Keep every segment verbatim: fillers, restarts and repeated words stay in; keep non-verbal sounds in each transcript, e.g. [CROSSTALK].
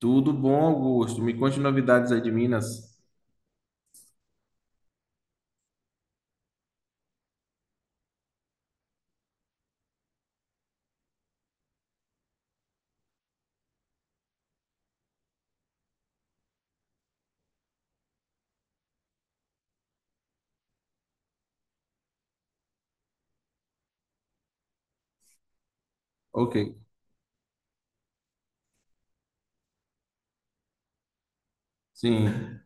Tudo bom, Augusto? Me conte novidades aí de Minas. Ok, sim.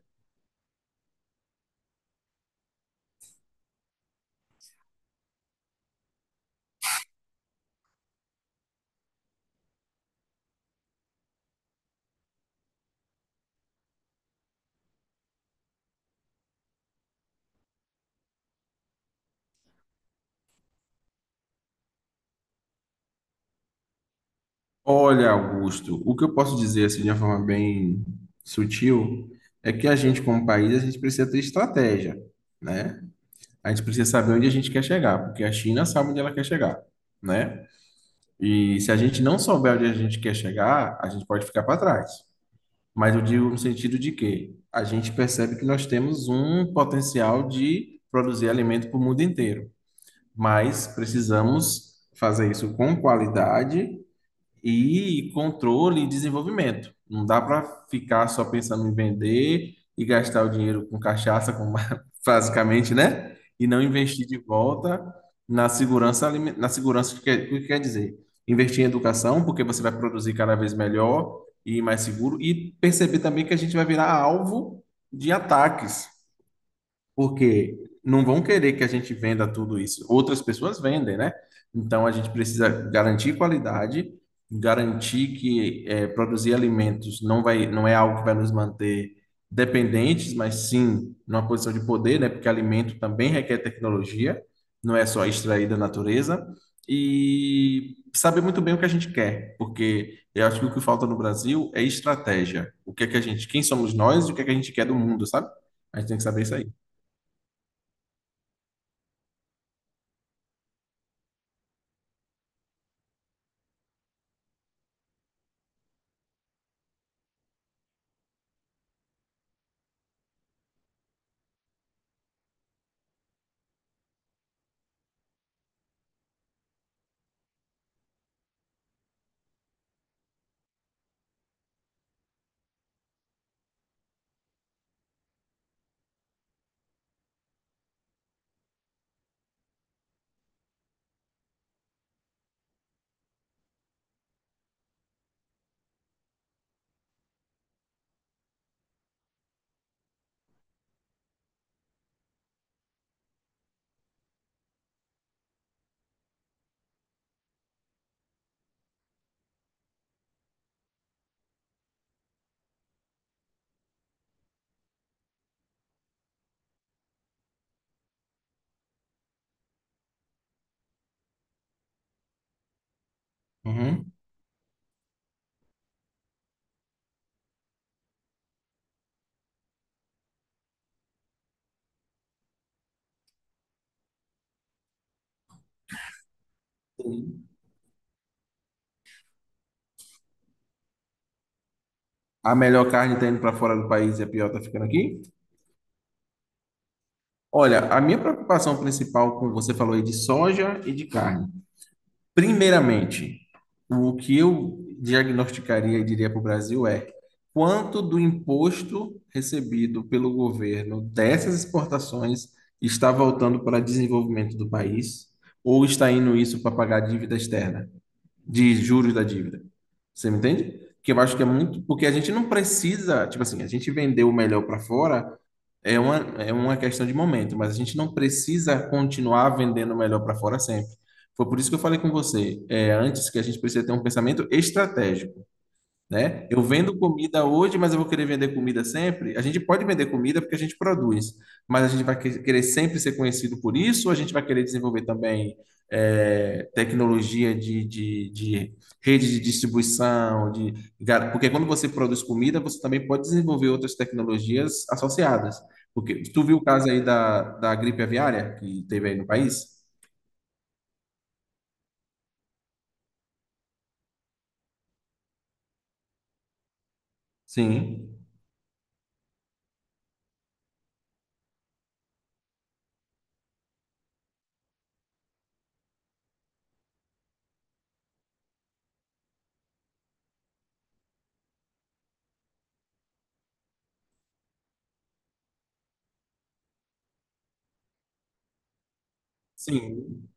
Olha, Augusto, o que eu posso dizer assim de uma forma bem sutil é que a gente, como país, a gente precisa ter estratégia, né? A gente precisa saber onde a gente quer chegar, porque a China sabe onde ela quer chegar, né? E se a gente não souber onde a gente quer chegar, a gente pode ficar para trás. Mas eu digo no sentido de que a gente percebe que nós temos um potencial de produzir alimento para o mundo inteiro, mas precisamos fazer isso com qualidade e controle e desenvolvimento. Não dá para ficar só pensando em vender e gastar o dinheiro com cachaça, com- [LAUGHS] basicamente, né? E não investir de volta na segurança, alime- na segurança, o que quer, o que quer dizer, investir em educação, porque você vai produzir cada vez melhor e mais seguro, e perceber também que a gente vai virar alvo de ataques. Porque não vão querer que a gente venda tudo isso. Outras pessoas vendem, né? Então a gente precisa garantir qualidade, garantir que eh, produzir alimentos não vai, não é algo que vai nos manter dependentes, mas sim numa posição de poder, né? Porque alimento também requer tecnologia, não é só extrair da natureza. E saber muito bem o que a gente quer, porque eu acho que o que falta no Brasil é estratégia. O que é que a gente, quem somos nós e o que é que a gente quer do mundo, sabe? A gente tem que saber isso aí. Uhum. A melhor carne está indo para fora do país e a pior está ficando aqui. Olha, a minha preocupação principal, como você falou aí, de soja e de carne. Primeiramente, o que eu diagnosticaria e diria para o Brasil é: quanto do imposto recebido pelo governo dessas exportações está voltando para desenvolvimento do país ou está indo isso para pagar dívida externa? De juros da dívida. Você me entende? Que eu acho que é muito, porque a gente não precisa, tipo assim, a gente vender o melhor para fora é uma, é uma questão de momento, mas a gente não precisa continuar vendendo o melhor para fora sempre. Foi por isso que eu falei com você, é, antes, que a gente precisa ter um pensamento estratégico, né? Eu vendo comida hoje, mas eu vou querer vender comida sempre. A gente pode vender comida porque a gente produz, mas a gente vai que- querer sempre ser conhecido por isso, ou a gente vai querer desenvolver também eh, tecnologia de, de, de rede de distribuição, de gar- porque quando você produz comida, você também pode desenvolver outras tecnologias associadas. Porque tu viu o caso aí da, da gripe aviária que teve aí no país? Sim. Sim.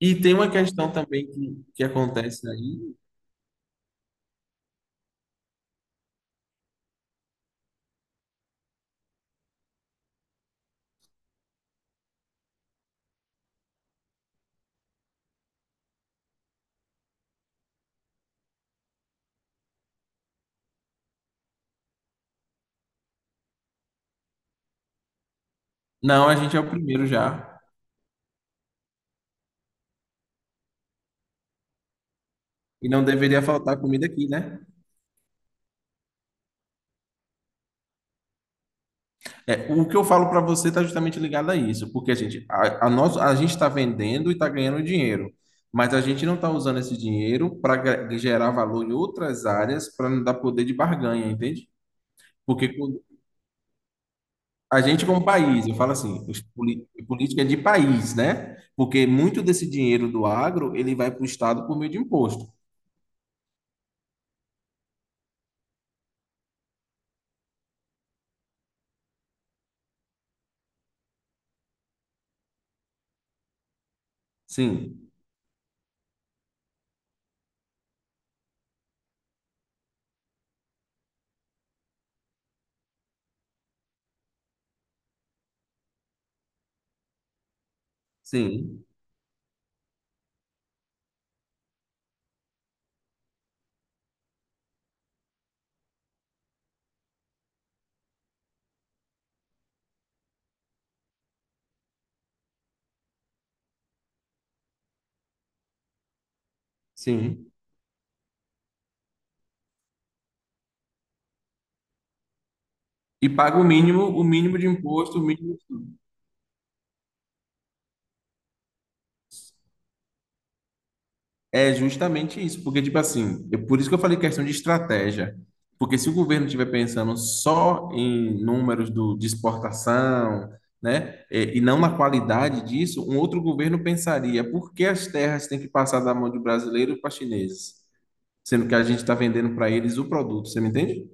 E tem uma questão também que, que acontece aí. Não, a gente é o primeiro já. E não deveria faltar comida aqui, né? É, o que eu falo para você está justamente ligado a isso, porque a gente a, a nosso, a gente está vendendo e está ganhando dinheiro, mas a gente não está usando esse dinheiro para gerar valor em outras áreas para não dar poder de barganha, entende? Porque quando- a gente como país, eu falo assim, os poli- política é de país, né? Porque muito desse dinheiro do agro ele vai para o estado por meio de imposto. Sim, sim, sim. E paga o mínimo, o mínimo de imposto, o mínimo de tudo. É justamente isso, porque, tipo assim, eu, por isso que eu falei questão de estratégia. Porque se o governo estiver pensando só em números do, de exportação, né, e, e não na qualidade disso, um outro governo pensaria por que as terras têm que passar da mão de brasileiro para chineses, sendo que a gente está vendendo para eles o produto, você me entende?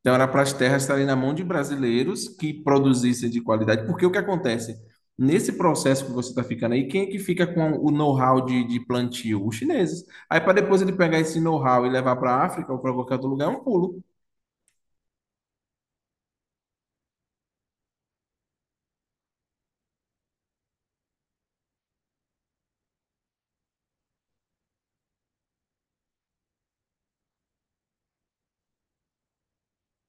Então, era para as terras estarem na mão de brasileiros que produzissem de qualidade, porque o que acontece? Nesse processo que você está ficando aí, quem é que fica com o know-how de, de plantio? Os chineses. Aí, para depois ele pegar esse know-how e levar para a África ou para qualquer outro lugar, é um pulo.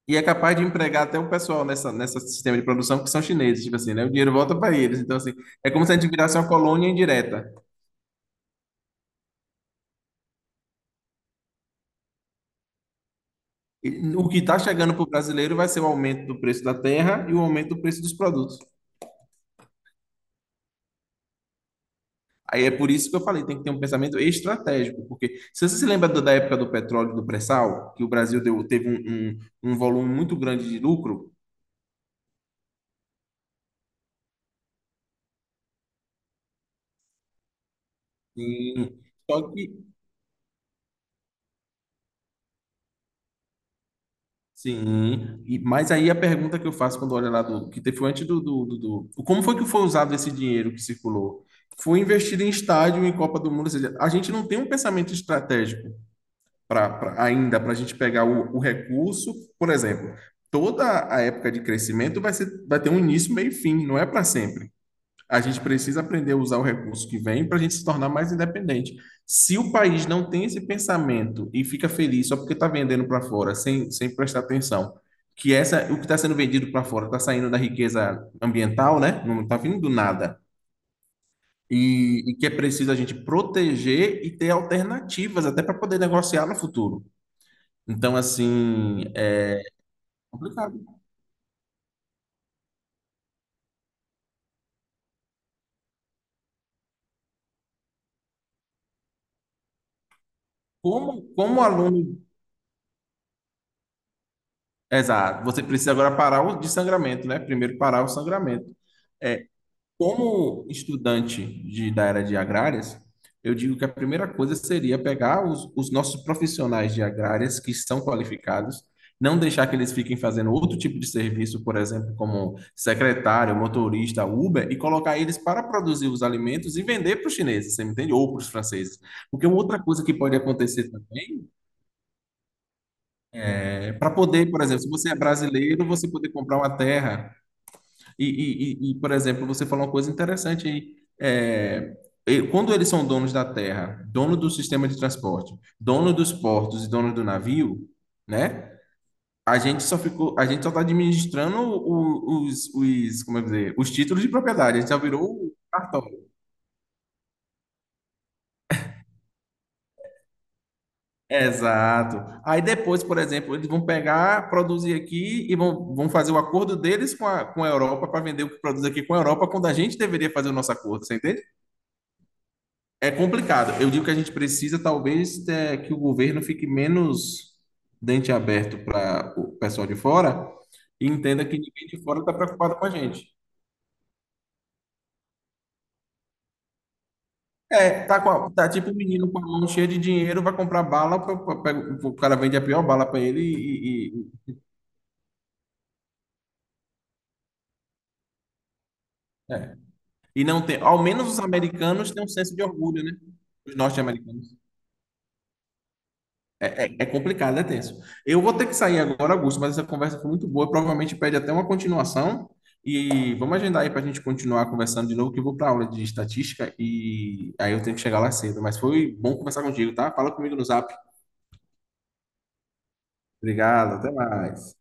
E é capaz de empregar até o pessoal nessa, nessa sistema de produção que são chineses, tipo assim, né? O dinheiro volta para eles. Então, assim, é como se a gente virasse uma colônia indireta. E o que está chegando para o brasileiro vai ser o aumento do preço da terra e o aumento do preço dos produtos. Aí é por isso que eu falei, tem que ter um pensamento estratégico, porque se você se lembra do- da época do petróleo, do pré-sal, que o Brasil deu- teve um, um um volume muito grande de lucro, sim, só que, sim, e, mas aí a pergunta que eu faço quando olho lá do, que teve foi antes do, do, do, do- como foi que foi usado esse dinheiro que circulou? Foi investido em estádio, em Copa do Mundo, ou seja, a gente não tem um pensamento estratégico. Pra, pra- ainda para a gente pegar o, o recurso. Por exemplo, toda a época de crescimento vai ser, vai ter um início, meio e fim, não é para sempre. A gente precisa aprender a usar o recurso que vem para a gente se tornar mais independente. Se o país não tem esse pensamento e fica feliz só porque está vendendo para fora, sem, sem prestar atenção, que essa, o que está sendo vendido para fora está saindo da riqueza ambiental, né? Não está vindo do nada. E, e que é preciso a gente proteger e ter alternativas até para poder negociar no futuro. Então, assim, é complicado. Como, como aluno. Exato, você precisa agora parar o de sangramento, né? Primeiro parar o sangramento. É, como estudante de, da área de agrárias, eu digo que a primeira coisa seria pegar os, os nossos profissionais de agrárias que são qualificados, não deixar que eles fiquem fazendo outro tipo de serviço, por exemplo, como secretário, motorista, Uber, e colocar eles para produzir os alimentos e vender para os chineses, você me entende? Ou para os franceses. Porque uma outra coisa que pode acontecer também é para poder, por exemplo, se você é brasileiro, você poder comprar uma terra. E, e- e- e, por exemplo, você falou uma coisa interessante aí. É, e- quando eles são donos da terra, dono do sistema de transporte, dono dos portos e dono do navio, né? A gente só ficou, a gente só está administrando o- os, os, como é que dizer, os títulos de propriedade. A gente já virou o cartório. Exato. Aí depois, por exemplo, eles vão pegar, produzir aqui e vão, vão fazer o acordo deles com a, com a Europa para vender o que produz aqui com a Europa, quando a gente deveria fazer o nosso acordo, você entende? É complicado. Eu digo que a gente precisa, talvez, é, que o governo fique menos dente aberto para o pessoal de fora e entenda que ninguém de fora está preocupado com a gente. É, tá, com a- tá tipo um menino com a mão cheia de dinheiro, vai comprar bala, pra- pra- pega- o cara vende a pior bala para ele e, e, e- é. E não tem. Ao menos os americanos têm um senso de orgulho, né? Os norte-americanos. É, é complicado, é tenso. Eu vou ter que sair agora, Augusto, mas essa conversa foi muito boa. Provavelmente pede até uma continuação. E vamos agendar aí para a gente continuar conversando de novo, que eu vou para aula de estatística e aí eu tenho que chegar lá cedo. Mas foi bom conversar contigo, tá? Fala comigo no zap. Obrigado, até mais.